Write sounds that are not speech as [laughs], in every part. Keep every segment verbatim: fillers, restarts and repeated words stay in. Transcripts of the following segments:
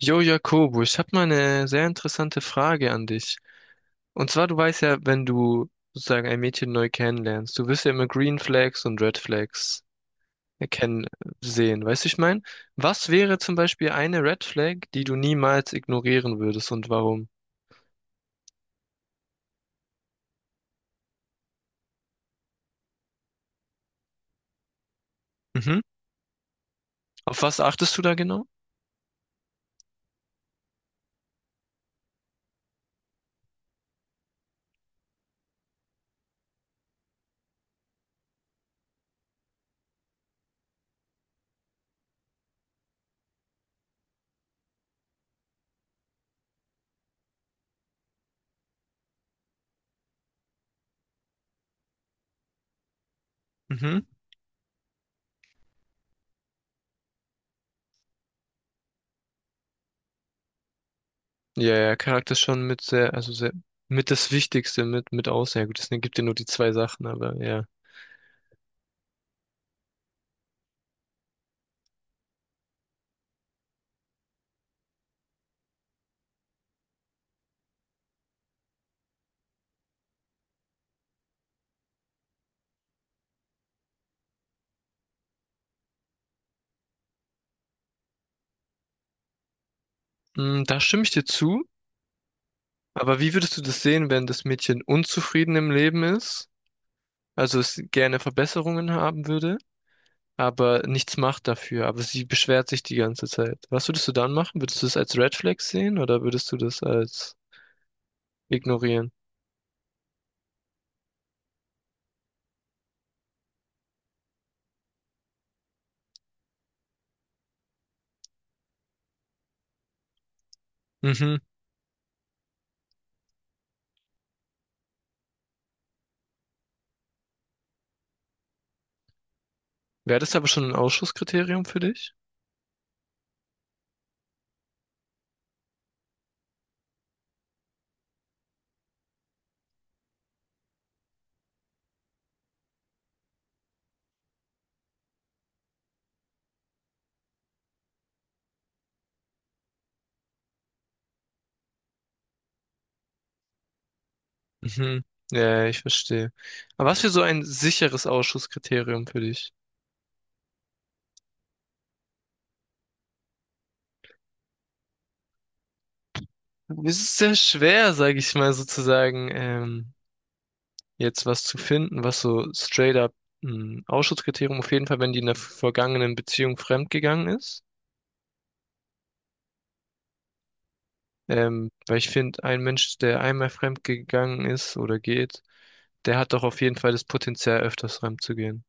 Jo, Jakobo, ich habe mal eine sehr interessante Frage an dich. Und zwar, du weißt ja, wenn du sozusagen ein Mädchen neu kennenlernst, du wirst ja immer Green Flags und Red Flags erkennen, sehen. Weißt du, ich mein, was wäre zum Beispiel eine Red Flag, die du niemals ignorieren würdest und warum? Mhm. Auf was achtest du da genau? Ja, ja, Charakter ist schon mit sehr, also sehr, mit das Wichtigste mit, mit aus. Ja, gut, es gibt ja nur die zwei Sachen, aber ja. Mm, da stimme ich dir zu. Aber wie würdest du das sehen, wenn das Mädchen unzufrieden im Leben ist? Also es gerne Verbesserungen haben würde, aber nichts macht dafür. Aber sie beschwert sich die ganze Zeit. Was würdest du dann machen? Würdest du das als Red Flag sehen oder würdest du das als ignorieren? Mhm. Wäre das aber schon ein Ausschlusskriterium für dich? Mhm. Ja, ich verstehe. Aber was für so ein sicheres Ausschlusskriterium für dich? Es ist sehr schwer, sage ich mal sozusagen, ähm, jetzt was zu finden, was so straight up ein Ausschlusskriterium, auf jeden Fall, wenn die in der vergangenen Beziehung fremdgegangen ist. Ähm, weil ich finde, ein Mensch, der einmal fremd gegangen ist oder geht, der hat doch auf jeden Fall das Potenzial, öfters fremd zu gehen.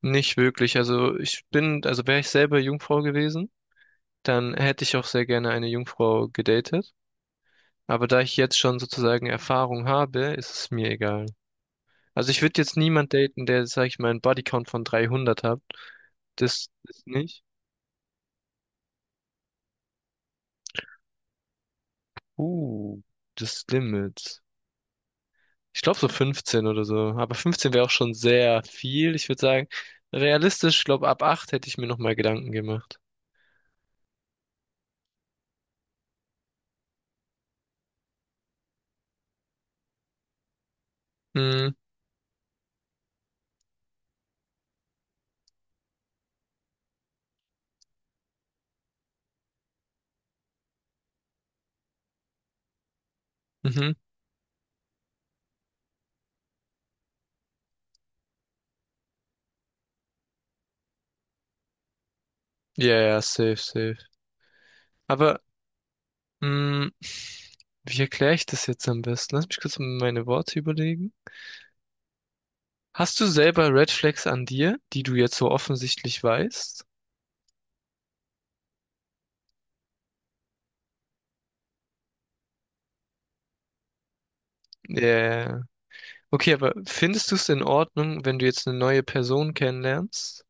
Nicht wirklich. Also ich bin, also wäre ich selber Jungfrau gewesen, dann hätte ich auch sehr gerne eine Jungfrau gedatet. Aber da ich jetzt schon sozusagen Erfahrung habe, ist es mir egal. Also ich würde jetzt niemand daten, der, sag ich mal, einen Bodycount von dreihundert hat. Das ist nicht. Uh, das Limit. Ich glaube so fünfzehn oder so. Aber fünfzehn wäre auch schon sehr viel. Ich würde sagen, realistisch, ich glaube, ab acht hätte ich mir nochmal Gedanken gemacht. Mhm, mhm. Ja, ja, safe, safe. Aber, mh, wie erkläre ich das jetzt am besten? Lass mich kurz meine Worte überlegen. Hast du selber Red Flags an dir, die du jetzt so offensichtlich weißt? Ja. Okay, aber findest du es in Ordnung, wenn du jetzt eine neue Person kennenlernst,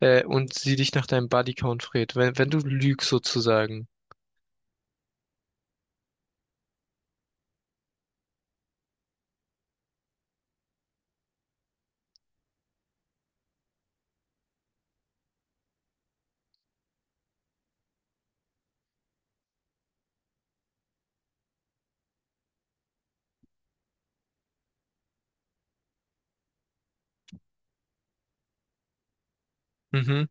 äh, und sie dich nach deinem Bodycount fragt, wenn, wenn du lügst sozusagen? Mhm.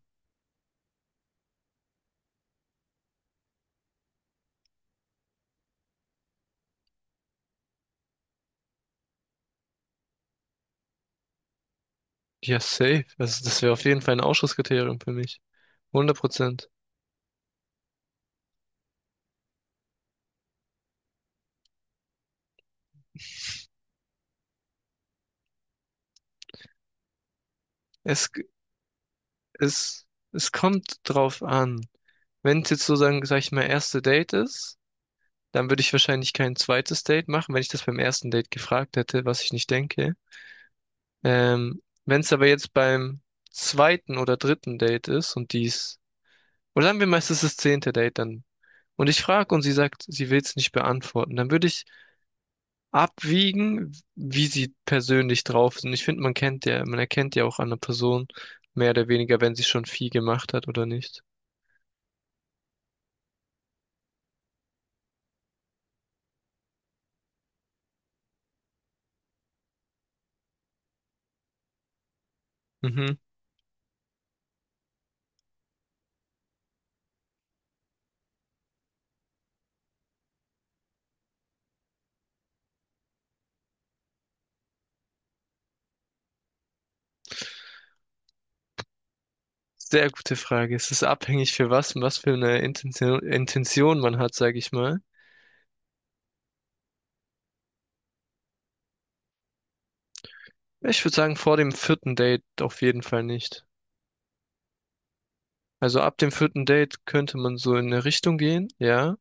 Ja, safe. Also das wäre auf jeden Fall ein Ausschlusskriterium für mich. Hundert Prozent. Es, es, es kommt drauf an. Wenn es jetzt sozusagen, sag ich mal, erste Date ist, dann würde ich wahrscheinlich kein zweites Date machen, wenn ich das beim ersten Date gefragt hätte, was ich nicht denke. Ähm, wenn es aber jetzt beim zweiten oder dritten Date ist und dies oder sagen wir mal, es ist das zehnte Date dann. Und ich frage und sie sagt, sie will es nicht beantworten. Dann würde ich abwiegen, wie sie persönlich drauf sind. Ich finde, man kennt ja, man erkennt ja auch an einer Person mehr oder weniger, wenn sie schon viel gemacht hat oder nicht. Mhm. Sehr gute Frage. Es ist abhängig für was und was für eine Intention, Intention man hat, sage ich mal. Ich würde sagen, vor dem vierten Date auf jeden Fall nicht. Also ab dem vierten Date könnte man so in eine Richtung gehen, ja.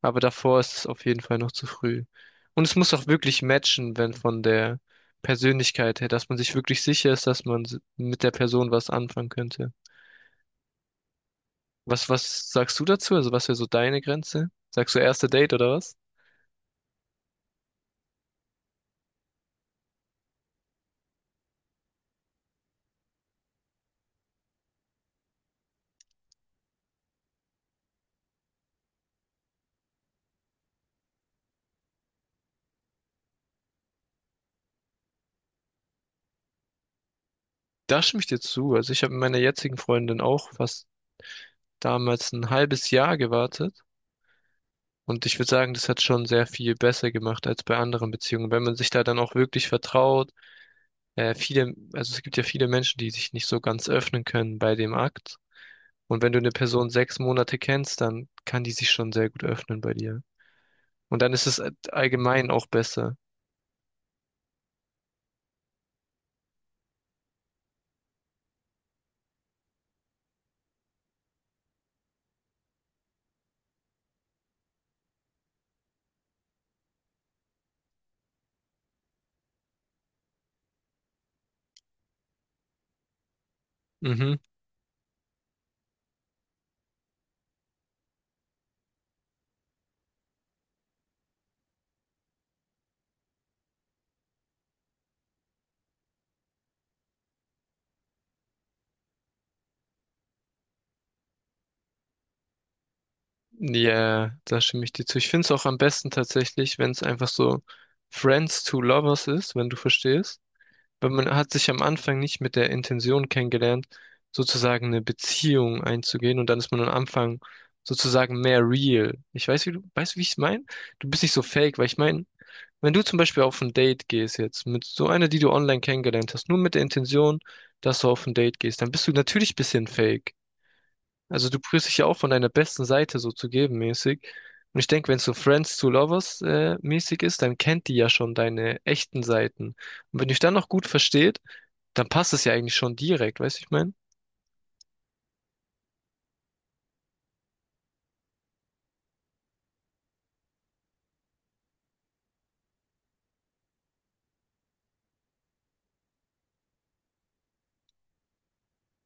Aber davor ist es auf jeden Fall noch zu früh. Und es muss auch wirklich matchen, wenn von der Persönlichkeit her, dass man sich wirklich sicher ist, dass man s- mit der Person was anfangen könnte. Was, was sagst du dazu? Also was wäre so deine Grenze? Sagst du erste Date oder was? Da stimme ich dir zu. Also ich habe mit meiner jetzigen Freundin auch fast damals ein halbes Jahr gewartet. Und ich würde sagen, das hat schon sehr viel besser gemacht als bei anderen Beziehungen. Wenn man sich da dann auch wirklich vertraut, äh, viele, also es gibt ja viele Menschen, die sich nicht so ganz öffnen können bei dem Akt. Und wenn du eine Person sechs Monate kennst, dann kann die sich schon sehr gut öffnen bei dir. Und dann ist es allgemein auch besser. Mhm. Ja, da stimme ich dir zu. Ich finde es auch am besten tatsächlich, wenn es einfach so Friends to Lovers ist, wenn du verstehst. Weil man hat sich am Anfang nicht mit der Intention kennengelernt, sozusagen eine Beziehung einzugehen. Und dann ist man am Anfang sozusagen mehr real. Ich weiß, wie du, weißt du, wie ich es meine? Du bist nicht so fake, weil ich meine, wenn du zum Beispiel auf ein Date gehst jetzt mit so einer, die du online kennengelernt hast, nur mit der Intention, dass du auf ein Date gehst, dann bist du natürlich ein bisschen fake. Also du prüfst dich ja auch von deiner besten Seite so zu geben mäßig. Und ich denke, wenn es so Friends to Lovers äh, mäßig ist, dann kennt die ja schon deine echten Seiten. Und wenn dich dann noch gut versteht, dann passt es ja eigentlich schon direkt, weißt du, ich meine?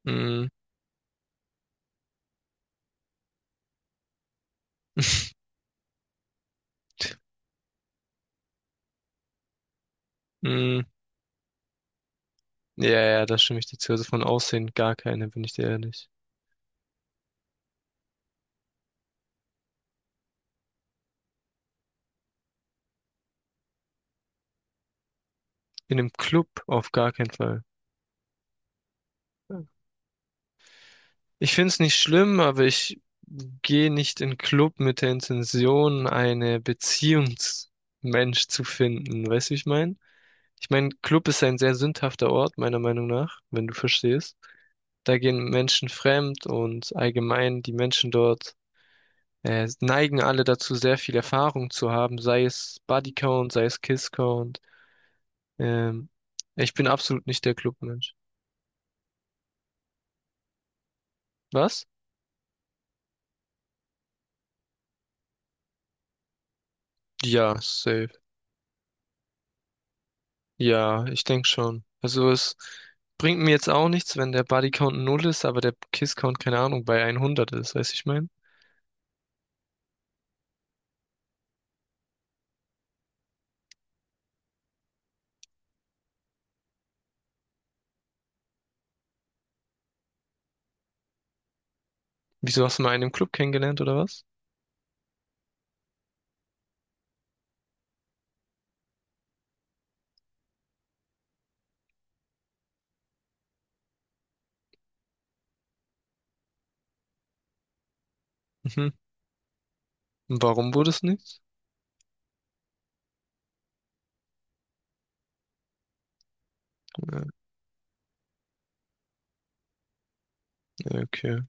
Mm, [laughs] mm, ja, ja, da stimme ich dir zu. Also von Aussehen gar keine, bin ich dir ehrlich. In einem Club auf gar keinen Fall. Ich finde es nicht schlimm, aber ich gehe nicht in Club mit der Intention, eine Beziehungsmensch zu finden. Weißt du, wie ich meine? Ich meine, Club ist ein sehr sündhafter Ort, meiner Meinung nach, wenn du verstehst. Da gehen Menschen fremd und allgemein die Menschen dort äh, neigen alle dazu, sehr viel Erfahrung zu haben, sei es Bodycount, sei es Kisscount. Ähm, ich bin absolut nicht der Clubmensch. Was? Ja, safe. Ja, ich denke schon. Also es bringt mir jetzt auch nichts, wenn der Bodycount null ist, aber der Kisscount, keine Ahnung, bei hundert ist, weiß ich mein. Wieso hast du mal einen im Club kennengelernt oder was? Mhm. Und warum wurde es nichts? Ja, ja, okay.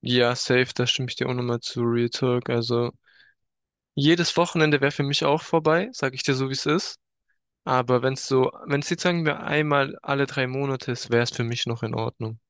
Ja, safe, da stimme ich dir auch nochmal zu Real Talk. Also jedes Wochenende wäre für mich auch vorbei, sag ich dir so, wie es ist. Aber wenn es so, wenn es jetzt sagen wir einmal alle drei Monate ist, wäre es für mich noch in Ordnung.